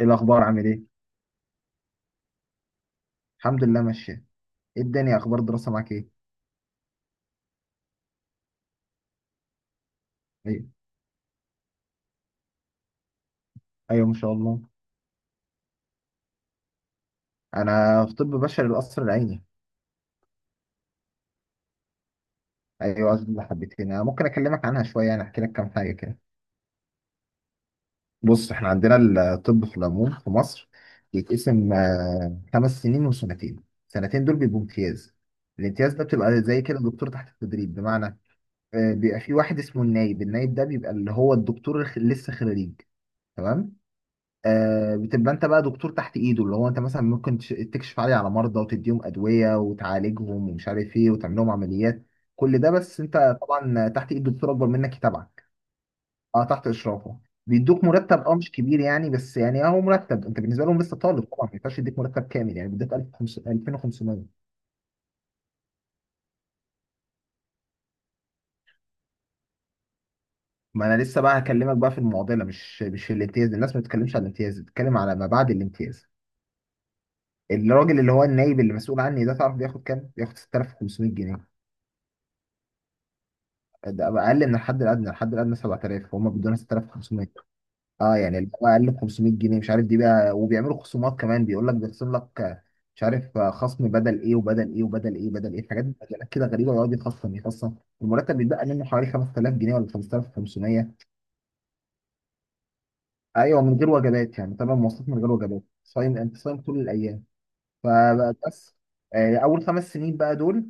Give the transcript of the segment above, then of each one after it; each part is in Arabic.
ايه الاخبار؟ عامل ايه؟ الحمد لله ماشيه. ايه الدنيا؟ اخبار الدراسه معاك ايه؟ ايوه. ايوه ما شاء الله. انا في طب بشري القصر العيني. ايوه، اللي حبيتين انا ممكن اكلمك عنها شويه، يعني احكي لك كام حاجه كده. بص احنا عندنا الطب في العموم في مصر يتقسم خمس سنين وسنتين. سنتين دول بيبقوا امتياز. الامتياز ده بتبقى زي كده دكتور تحت التدريب، بمعنى بيبقى في واحد اسمه النايب. النايب ده بيبقى اللي هو الدكتور لسه خريج، تمام. آه بتبقى انت بقى دكتور تحت ايده، اللي هو انت مثلا ممكن تكشف عليه، على مرضى، وتديهم ادويه، وتعالجهم ومش عارف ايه، وتعمل لهم عمليات. كل ده بس انت طبعا تحت ايد دكتور اكبر منك يتابعك. اه، تحت اشرافه. بيدوك مرتب، اه مش كبير يعني، بس يعني اهو مرتب. انت بالنسبه لهم لسه طالب طبعا، ما ينفعش يديك مرتب كامل، يعني بيديك 2500. ما انا لسه بقى هكلمك بقى في المعضله، مش في الامتياز. الناس ما بتتكلمش على الامتياز، بتتكلم على ما بعد الامتياز. الراجل اللي هو النايب اللي مسؤول عني ده، تعرف بياخد كام؟ بياخد 6500 جنيه. ده اقل من الحد الادنى. الحد الادنى 7000 وهم بيدونا 6500. اه، يعني اللي هو اقل ب 500 جنيه، مش عارف دي بقى. وبيعملوا خصومات كمان، بيقول لك بيخصم لك مش عارف خصم بدل ايه وبدل ايه وبدل ايه، بدل ايه؟ حاجات مجالات كده غريبه، ويقعد يخصم يخصم. المرتب بيتبقى منه حوالي 5000 جنيه ولا 5500. ايوه من غير وجبات يعني، طبعا مواصلات من غير وجبات، صايم، انت صايم طول الايام. فبس. اول خمس سنين بقى دول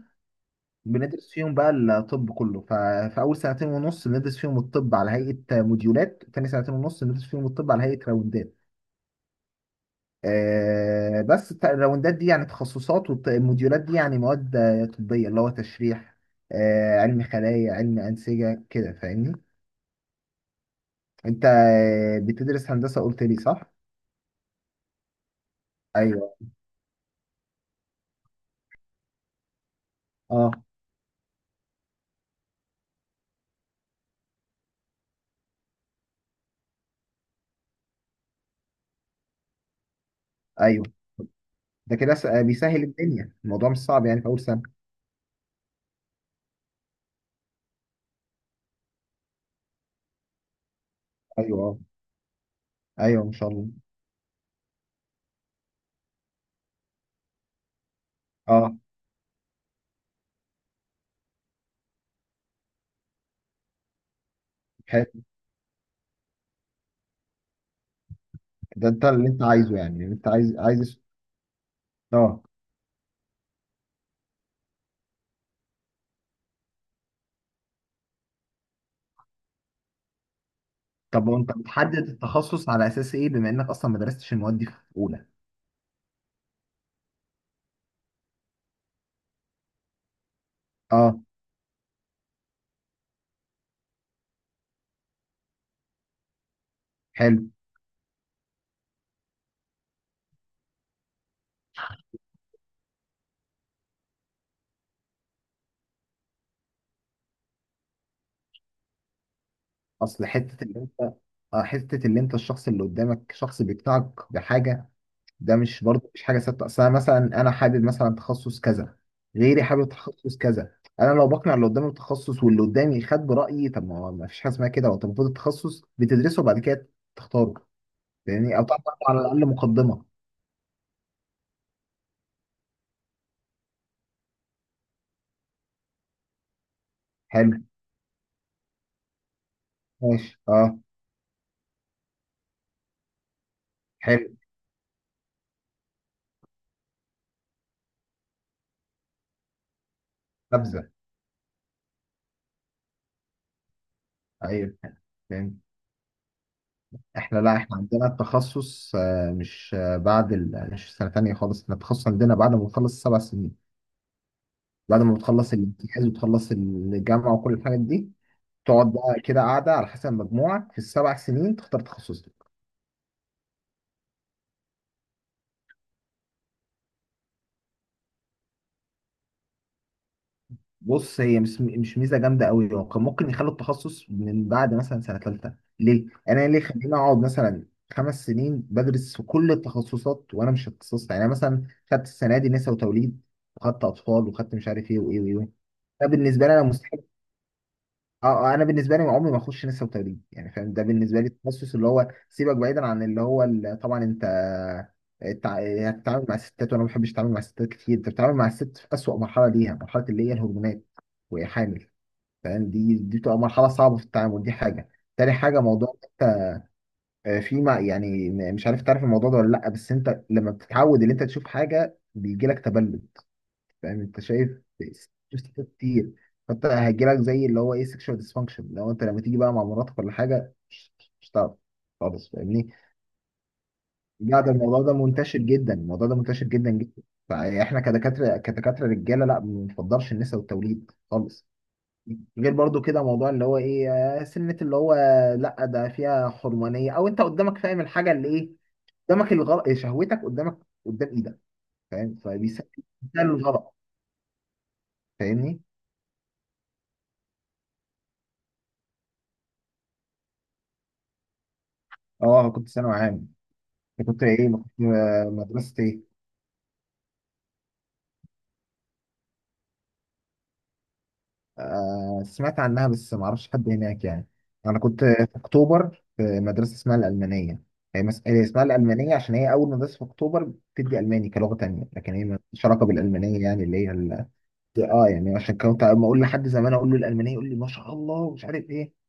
بندرس فيهم بقى الطب كله. ففي اول سنتين ونص بندرس فيهم الطب على هيئه موديولات، تاني سنتين ونص بندرس فيهم الطب على هيئه راوندات. آه بس الراوندات دي يعني تخصصات، والموديولات دي يعني مواد طبيه، اللي هو تشريح، آه علم خلايا، علم انسجه كده، فاهمني؟ انت بتدرس هندسه قلت لي، صح؟ ايوه. اه. ايوه ده كده س- آه، بيسهل الدنيا، الموضوع مش صعب يعني في اول سنه. ايوه. اه. ايوه ما شاء الله. اه. حلو. ده انت اللي انت عايزه يعني، اللي انت عايز. اه. طب وانت بتحدد التخصص على اساس ايه، بما انك اصلا ما درستش المواد دي في اولى؟ اه. حلو. اصل حته اللي انت، اه حته اللي انت، الشخص اللي قدامك شخص بيقنعك بحاجه، ده مش برضه، مش حاجه ثابته. اصل انا مثلا انا حابب مثلا تخصص كذا، غيري حابب تخصص كذا. انا لو بقنع اللي قدامي بتخصص، واللي قدامي خد برايي، طب ما هو ما فيش حاجه اسمها كده. وانت المفروض التخصص بتدرسه وبعد كده تختاره. يعني او تعمل على الاقل مقدمه. حلو. ماشي. اه. حلو. نبذه. ايوه. فهمت. احنا، لا احنا عندنا التخصص آه، مش آه، بعد مش سنة تانية خالص، احنا التخصص عندنا بعد ما بتخلص سبع سنين. بعد ما بتخلص الامتياز وتخلص الجامعة وكل الحاجات دي، تقعد بقى كده قاعدة على حسب مجموعك في السبع سنين تختار تخصصك. بص هي مش ميزة جامدة قوي، هو كان ممكن يخلوا التخصص من بعد مثلا سنة تالتة. ليه؟ أنا ليه خليني أقعد مثلا خمس سنين بدرس في كل التخصصات وأنا مش اتخصصت؟ يعني أنا مثلا خدت السنة دي نساء وتوليد، وخدت أطفال، وخدت مش عارف إيه وإيه وإيه. ده بالنسبة لي أنا. اه. انا بالنسبه لي عمري ما اخش نسا وتدريب يعني، فاهم؟ ده بالنسبه لي التخصص اللي هو سيبك بعيدا عن اللي هو طبعا انت يعني هتتعامل مع الستات، وانا ما بحبش اتعامل مع الستات كتير. انت بتتعامل مع الست في اسوأ مرحله ليها، مرحله اللي هي الهرمونات وهي حامل. فاهم؟ دي بتبقى مرحله صعبه في التعامل، دي حاجه. تاني حاجه، موضوع في ما يعني مش عارف تعرف الموضوع ده ولا لا، بس انت لما بتتعود ان انت تشوف حاجه بيجي لك تبلد. فاهم؟ انت شايف، تستفاد كتير. فانت هيجيلك زي اللي هو ايه، سكشوال ديسفانكشن. لو انت لما تيجي بقى مع مراتك ولا حاجه، مش هتعرف خالص، فاهمني؟ لا، ده الموضوع ده منتشر جدا، الموضوع ده منتشر جدا جدا. فاحنا كدكاتره رجاله، لا ما بنفضلش النساء والتوليد خالص. غير برضو كده موضوع اللي هو ايه، آه، سنة اللي هو لا ده فيها حرمانية. او انت قدامك، فاهم الحاجة اللي ايه، قدامك الغلط، شهوتك قدامك، قدام ايدك، فاهم؟ فبيسهل الغلط، فاهمني؟ اه كنت ثانوي عام. انت كنت ايه؟ ما كنت مدرسة ايه؟ آه سمعت عنها، بس ما اعرفش حد هناك يعني. انا كنت في اكتوبر في مدرسة اسمها الألمانية. هي هي اسمها الألمانية عشان هي أول مدرسة في أكتوبر بتدي ألماني كلغة تانية، لكن هي مالهاش علاقة بالألمانية يعني، اللي هي اه. يعني عشان كنت أما أقول لحد زمان أقول له الألمانية، يقول لي ما شاء الله، ومش عارف إيه.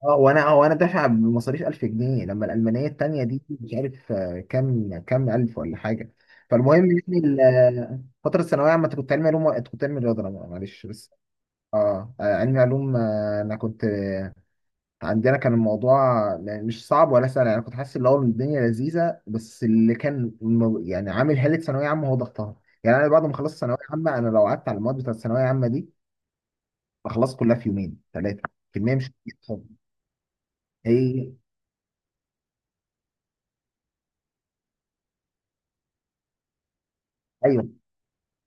وانا دافع بمصاريف 1000 جنيه لما الالمانيه التانيه دي مش عارف كام الف ولا حاجه. فالمهم يعني فتره الثانويه عامه كنت علمي علوم، انت كنت علمي رياضه، أنا معلش بس. اه. علمي علوم. آه، انا كنت آه، عندنا كان الموضوع مش صعب ولا سهل يعني، كنت حاسس اللي هو الدنيا لذيذه. بس اللي كان يعني عامل حاله ثانويه عامه هو ضغطها. يعني انا بعد ما خلصت ثانويه عامه، انا لو قعدت على المواد بتاعت الثانويه عامه دي بخلص كلها في يومين ثلاثه. كميه مش كتير خالص. هي. ايوه.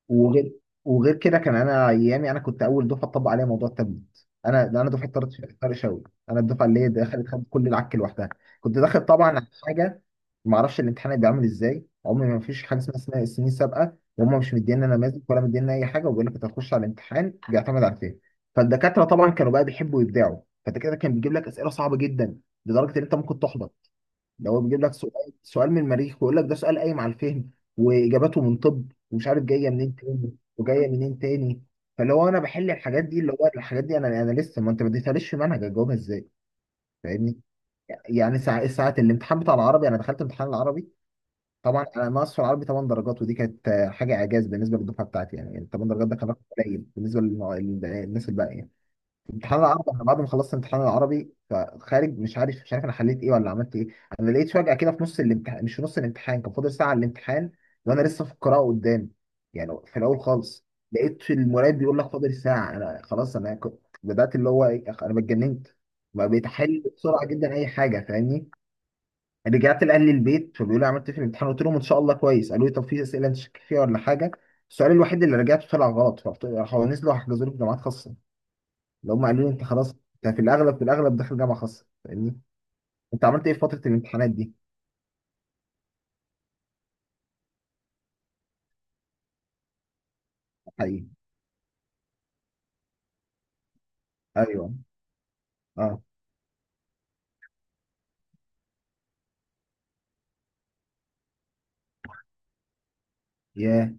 وغير، وغير كده كان، انا ايامي انا كنت اول دفعه تطبق عليها موضوع التابلت، انا دفعه طارق، طارق شوقي. انا الدفعه اللي هي دخلت خدت كل العك لوحدها. كنت داخل طبعا على حاجه ما اعرفش الامتحان هيبقى عامل ازاي، عمري ما فيش حاجه اسمها السنين السابقه، وهم مش مدينا نماذج ولا مدينا اي حاجه، وبيقول لك انت هتخش على الامتحان بيعتمد على فين. فالدكاتره طبعا كانوا بقى بيحبوا يبدعوا، فالدكاتره كان بيجيب لك اسئله صعبه جدا لدرجه ان انت ممكن تحبط. ده هو بيجيب لك سؤال من المريخ ويقول لك ده سؤال قايم على الفهم، واجاباته من طب، ومش عارف جايه منين تاني وجايه منين تاني. فاللي هو انا بحل الحاجات دي، اللي هو الحاجات دي انا لسه، ما انت ما اديتهاليش في منهج، اجاوبها ازاي؟ فاهمني؟ يعني ساعة ساعات، الامتحان بتاع العربي، انا دخلت امتحان العربي. طبعا انا ناقص في العربي 8 درجات، ودي كانت حاجه اعجاز بالنسبه للدفعه بتاعتي، يعني يعني 8 درجات ده كان رقم قليل بالنسبه للناس الباقيه. امتحان العربي، انا بعد ما خلصت امتحان العربي فخارج مش عارف انا حليت ايه ولا عملت ايه. انا لقيت فجأة كده في نص الامتحان، مش في نص الامتحان، كان فاضل ساعة على الامتحان وانا لسه في القراءة قدام، يعني في الاول خالص. لقيت المراقب بيقول لك فاضل ساعة، انا خلاص انا كنت بدأت اللي هو ايه، انا اتجننت. بقى بقيت احل بسرعة جدا اي حاجة، فاهمني؟ رجعت لاهل البيت فبيقولوا لي عملت إيه في الامتحان، قلت لهم ان شاء الله كويس، قالوا لي طب في اسئلة انت شاكك فيها ولا حاجة؟ السؤال الوحيد اللي رجعته طلع غلط، فقلت، راحوا نزلوا حجزوا لي في جامعات خاصة، لو هم قالوا لي انت خلاص انت في الاغلب، في الاغلب داخل جامعه خاصه. فاهمني؟ انت عملت ايه في فتره الامتحانات دي؟ حقيقي. ايوه. اه. ياه.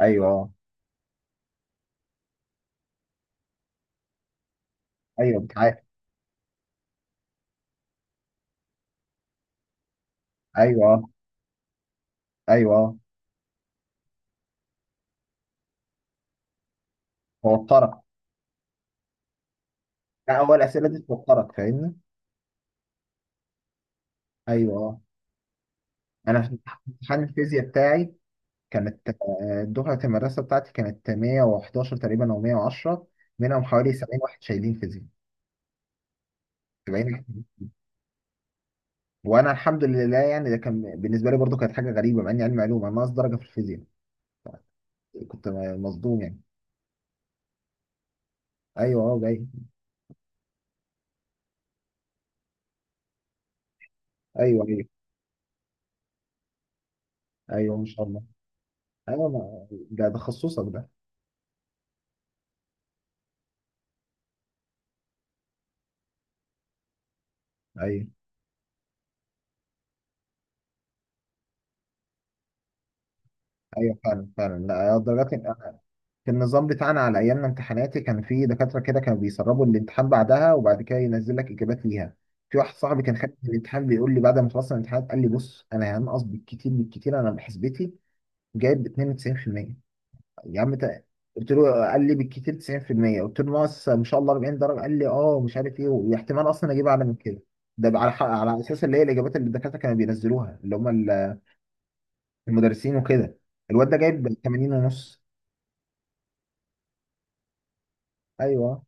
ايوه. ايوه بتع... ايوه. ايوه. توترك. لا هو الاسئله دي توترك، فاهمني؟ ايوه. انا في امتحان الفيزياء بتاعي كانت دفعه المدرسه بتاعتي كانت 111 تقريبا او 110، منهم حوالي 70 واحد شايلين فيزياء. 70 واحد. وانا الحمد لله يعني، ده كان بالنسبه لي برضو كانت حاجه غريبه، مع اني علم علوم انا ناقص درجه في الفيزياء، كنت مصدوم يعني. ايوه. اه جاي. ايوه. ايوه. ايوه ما شاء الله. ايوه، ما ده ده تخصصك ده. ايوه. ايوه فعلا فعلا. لا درجات، في النظام بتاعنا على ايامنا امتحاناتي، كان في دكاتره كده كانوا بيسربوا الامتحان بعدها وبعد كده ينزل لك اجابات ليها. في واحد صاحبي كان خارج من الامتحان بيقول لي بعد ما خلصنا الامتحان، قال لي بص انا هنقص بالكتير بالكتير، انا بحسبتي جايب 92%. يا عم قلت له، قال لي بالكتير 90%، قلت له ناقص ما شاء الله 40 درجه. قال لي اه مش عارف ايه، واحتمال اصلا اجيب اعلى من كده. ده بقى على حق على اساس اللي هي الاجابات اللي الدكاتره كانوا بينزلوها، اللي هم المدرسين وكده. الواد ده جايب 80 ونص. ايوه.